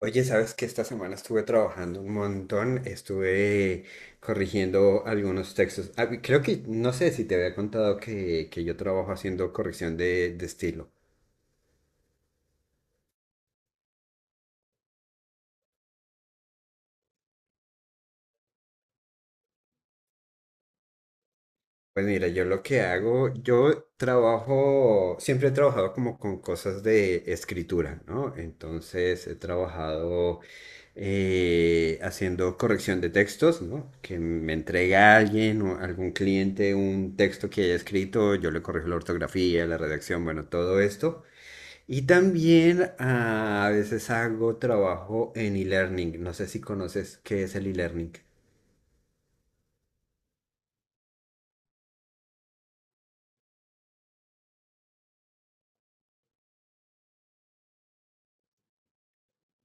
Oye, sabes que esta semana estuve trabajando un montón, estuve corrigiendo algunos textos. Ah, y creo que, no sé si te había contado que yo trabajo haciendo corrección de estilo. Pues mira, yo lo que hago, yo trabajo, siempre he trabajado como con cosas de escritura, ¿no? Entonces he trabajado haciendo corrección de textos, ¿no? Que me entrega alguien o algún cliente un texto que haya escrito, yo le corrijo la ortografía, la redacción, bueno, todo esto. Y también ah, a veces hago trabajo en e-learning. No sé si conoces qué es el e-learning.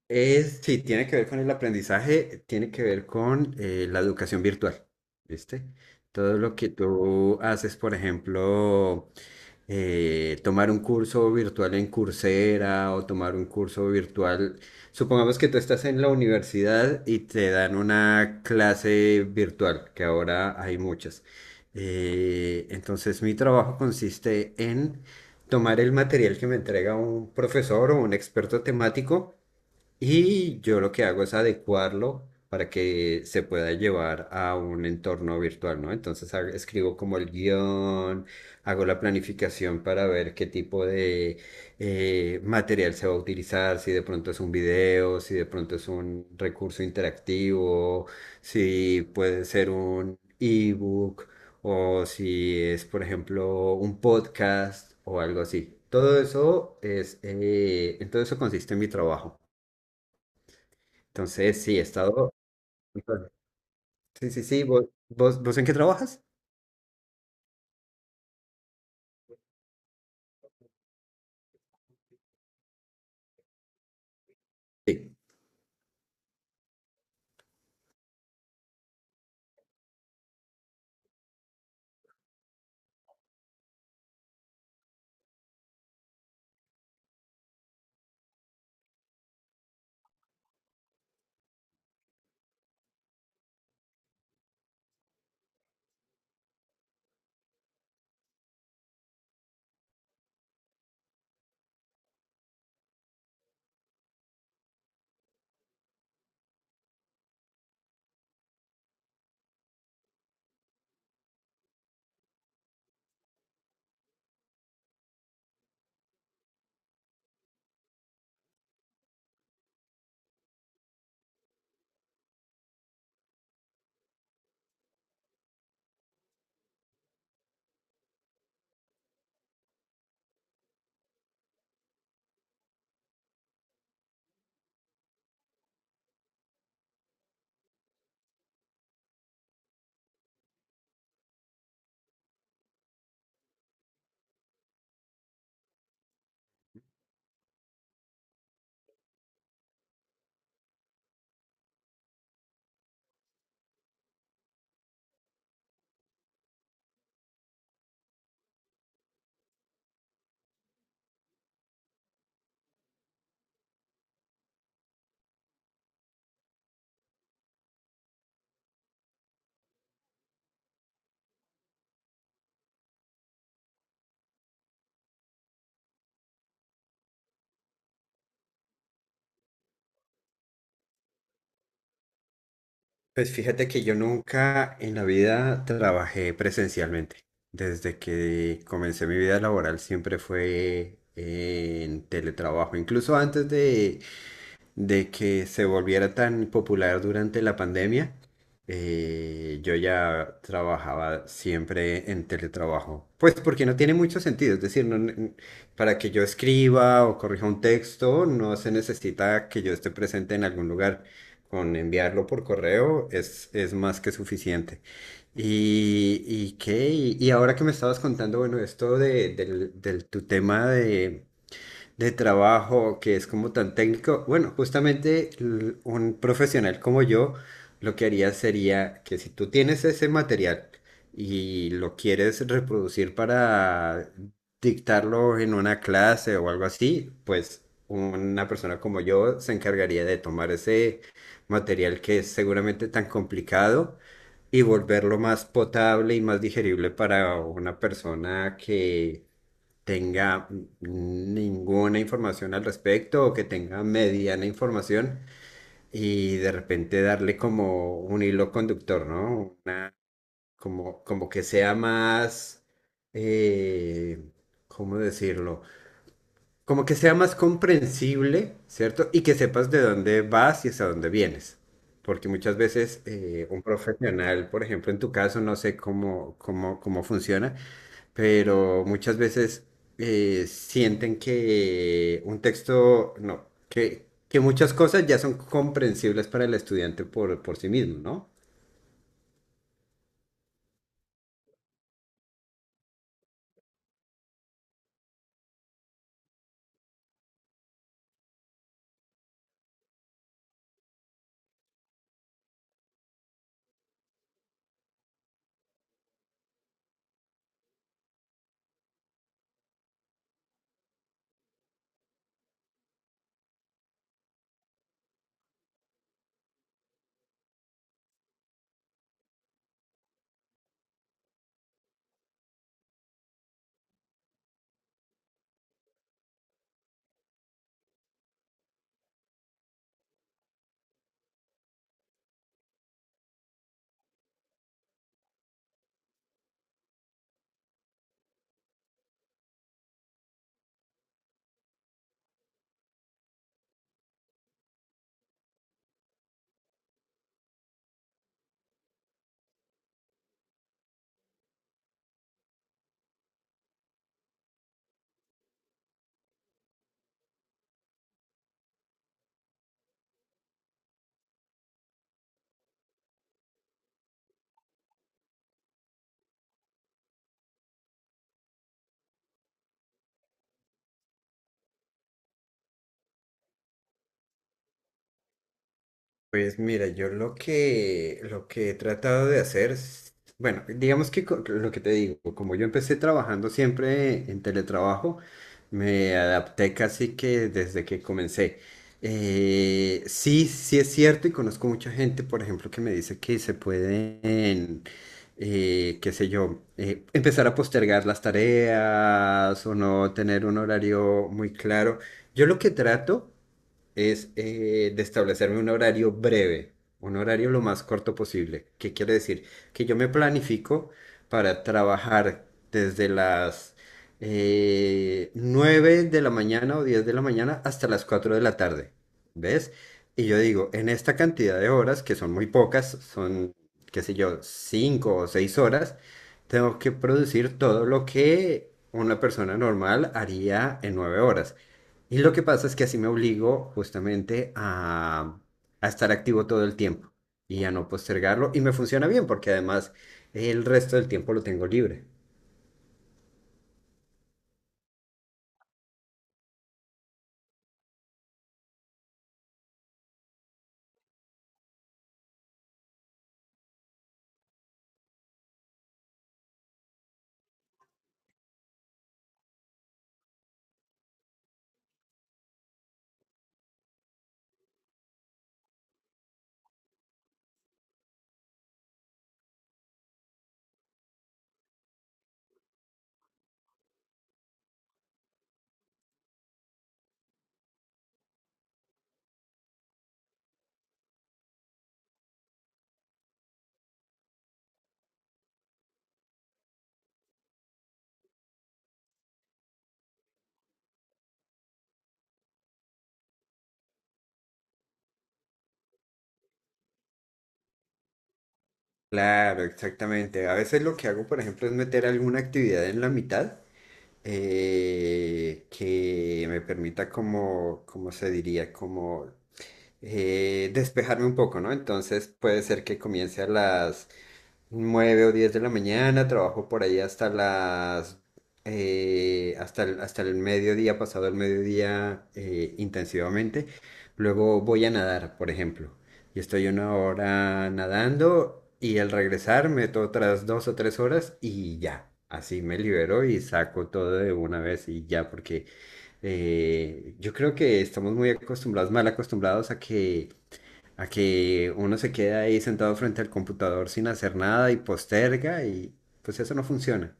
Es, sí, tiene que ver con el aprendizaje, tiene que ver con la educación virtual, ¿viste? Todo lo que tú haces, por ejemplo, tomar un curso virtual en Coursera o tomar un curso virtual. Supongamos que tú estás en la universidad y te dan una clase virtual, que ahora hay muchas. Entonces, mi trabajo consiste en tomar el material que me entrega un profesor o un experto temático y yo lo que hago es adecuarlo para que se pueda llevar a un entorno virtual, ¿no? Entonces escribo como el guión, hago la planificación para ver qué tipo de material se va a utilizar, si de pronto es un video, si de pronto es un recurso interactivo, si puede ser un ebook o si es, por ejemplo, un podcast o algo así. Todo eso es, en todo eso consiste en mi trabajo. Entonces, sí, he estado. Sí, sí, sí. ¿Vos en qué trabajas? Sí. Pues fíjate que yo nunca en la vida trabajé presencialmente. Desde que comencé mi vida laboral siempre fue en teletrabajo. Incluso antes de, que se volviera tan popular durante la pandemia, yo ya trabajaba siempre en teletrabajo. Pues porque no tiene mucho sentido, es decir, no ne- para que yo escriba o corrija un texto, no se necesita que yo esté presente en algún lugar. Con enviarlo por correo es más que suficiente. ¿Y qué? Y ahora que me estabas contando, bueno, esto tu tema de trabajo que es como tan técnico. Bueno, justamente un profesional como yo lo que haría sería que si tú tienes ese material y lo quieres reproducir para dictarlo en una clase o algo así, pues una persona como yo se encargaría de tomar ese material que es seguramente tan complicado y volverlo más potable y más digerible para una persona que tenga ninguna información al respecto o que tenga mediana información y de repente darle como un hilo conductor, ¿no? Una, como que sea más, eh, ¿cómo decirlo? Como que sea más comprensible, ¿cierto? Y que sepas de dónde vas y hacia dónde vienes. Porque muchas veces un profesional, por ejemplo, en tu caso, no sé cómo funciona, pero muchas veces sienten que un texto, no, que muchas cosas ya son comprensibles para el estudiante por sí mismo, ¿no? Pues mira, yo lo que he tratado de hacer, bueno, digamos que lo que te digo, como yo empecé trabajando siempre en teletrabajo, me adapté casi que desde que comencé. Sí, sí es cierto y conozco mucha gente, por ejemplo, que me dice que se pueden, qué sé yo, empezar a postergar las tareas o no tener un horario muy claro. Yo lo que trato es de establecerme un horario breve, un horario lo más corto posible. ¿Qué quiere decir? Que yo me planifico para trabajar desde las 9 de la mañana o 10 de la mañana hasta las 4 de la tarde, ¿ves? Y yo digo, en esta cantidad de horas, que son muy pocas, son, qué sé yo, 5 o 6 horas, tengo que producir todo lo que una persona normal haría en 9 horas. Y lo que pasa es que así me obligo justamente a estar activo todo el tiempo y a no postergarlo. Y me funciona bien porque además el resto del tiempo lo tengo libre. Claro, exactamente. A veces lo que hago, por ejemplo, es meter alguna actividad en la mitad que me permita como, como se diría, como despejarme un poco, ¿no? Entonces puede ser que comience a las 9 o 10 de la mañana, trabajo por ahí hasta el mediodía, pasado el mediodía intensivamente. Luego voy a nadar, por ejemplo. Y estoy una hora nadando y al regresar meto otras 2 o 3 horas y ya. Así me libero y saco todo de una vez y ya, porque yo creo que estamos muy acostumbrados, mal acostumbrados a que uno se queda ahí sentado frente al computador sin hacer nada y posterga y pues eso no funciona.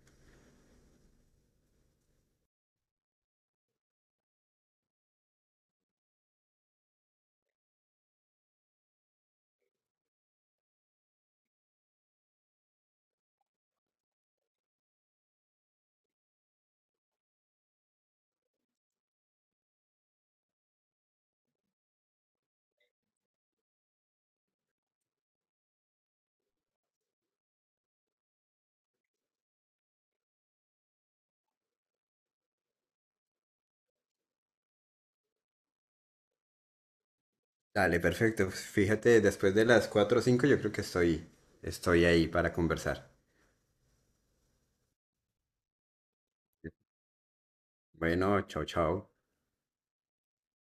Dale, perfecto. Pues, fíjate, después de las 4 o 5 yo creo que estoy ahí para conversar. Bueno, chao, chao.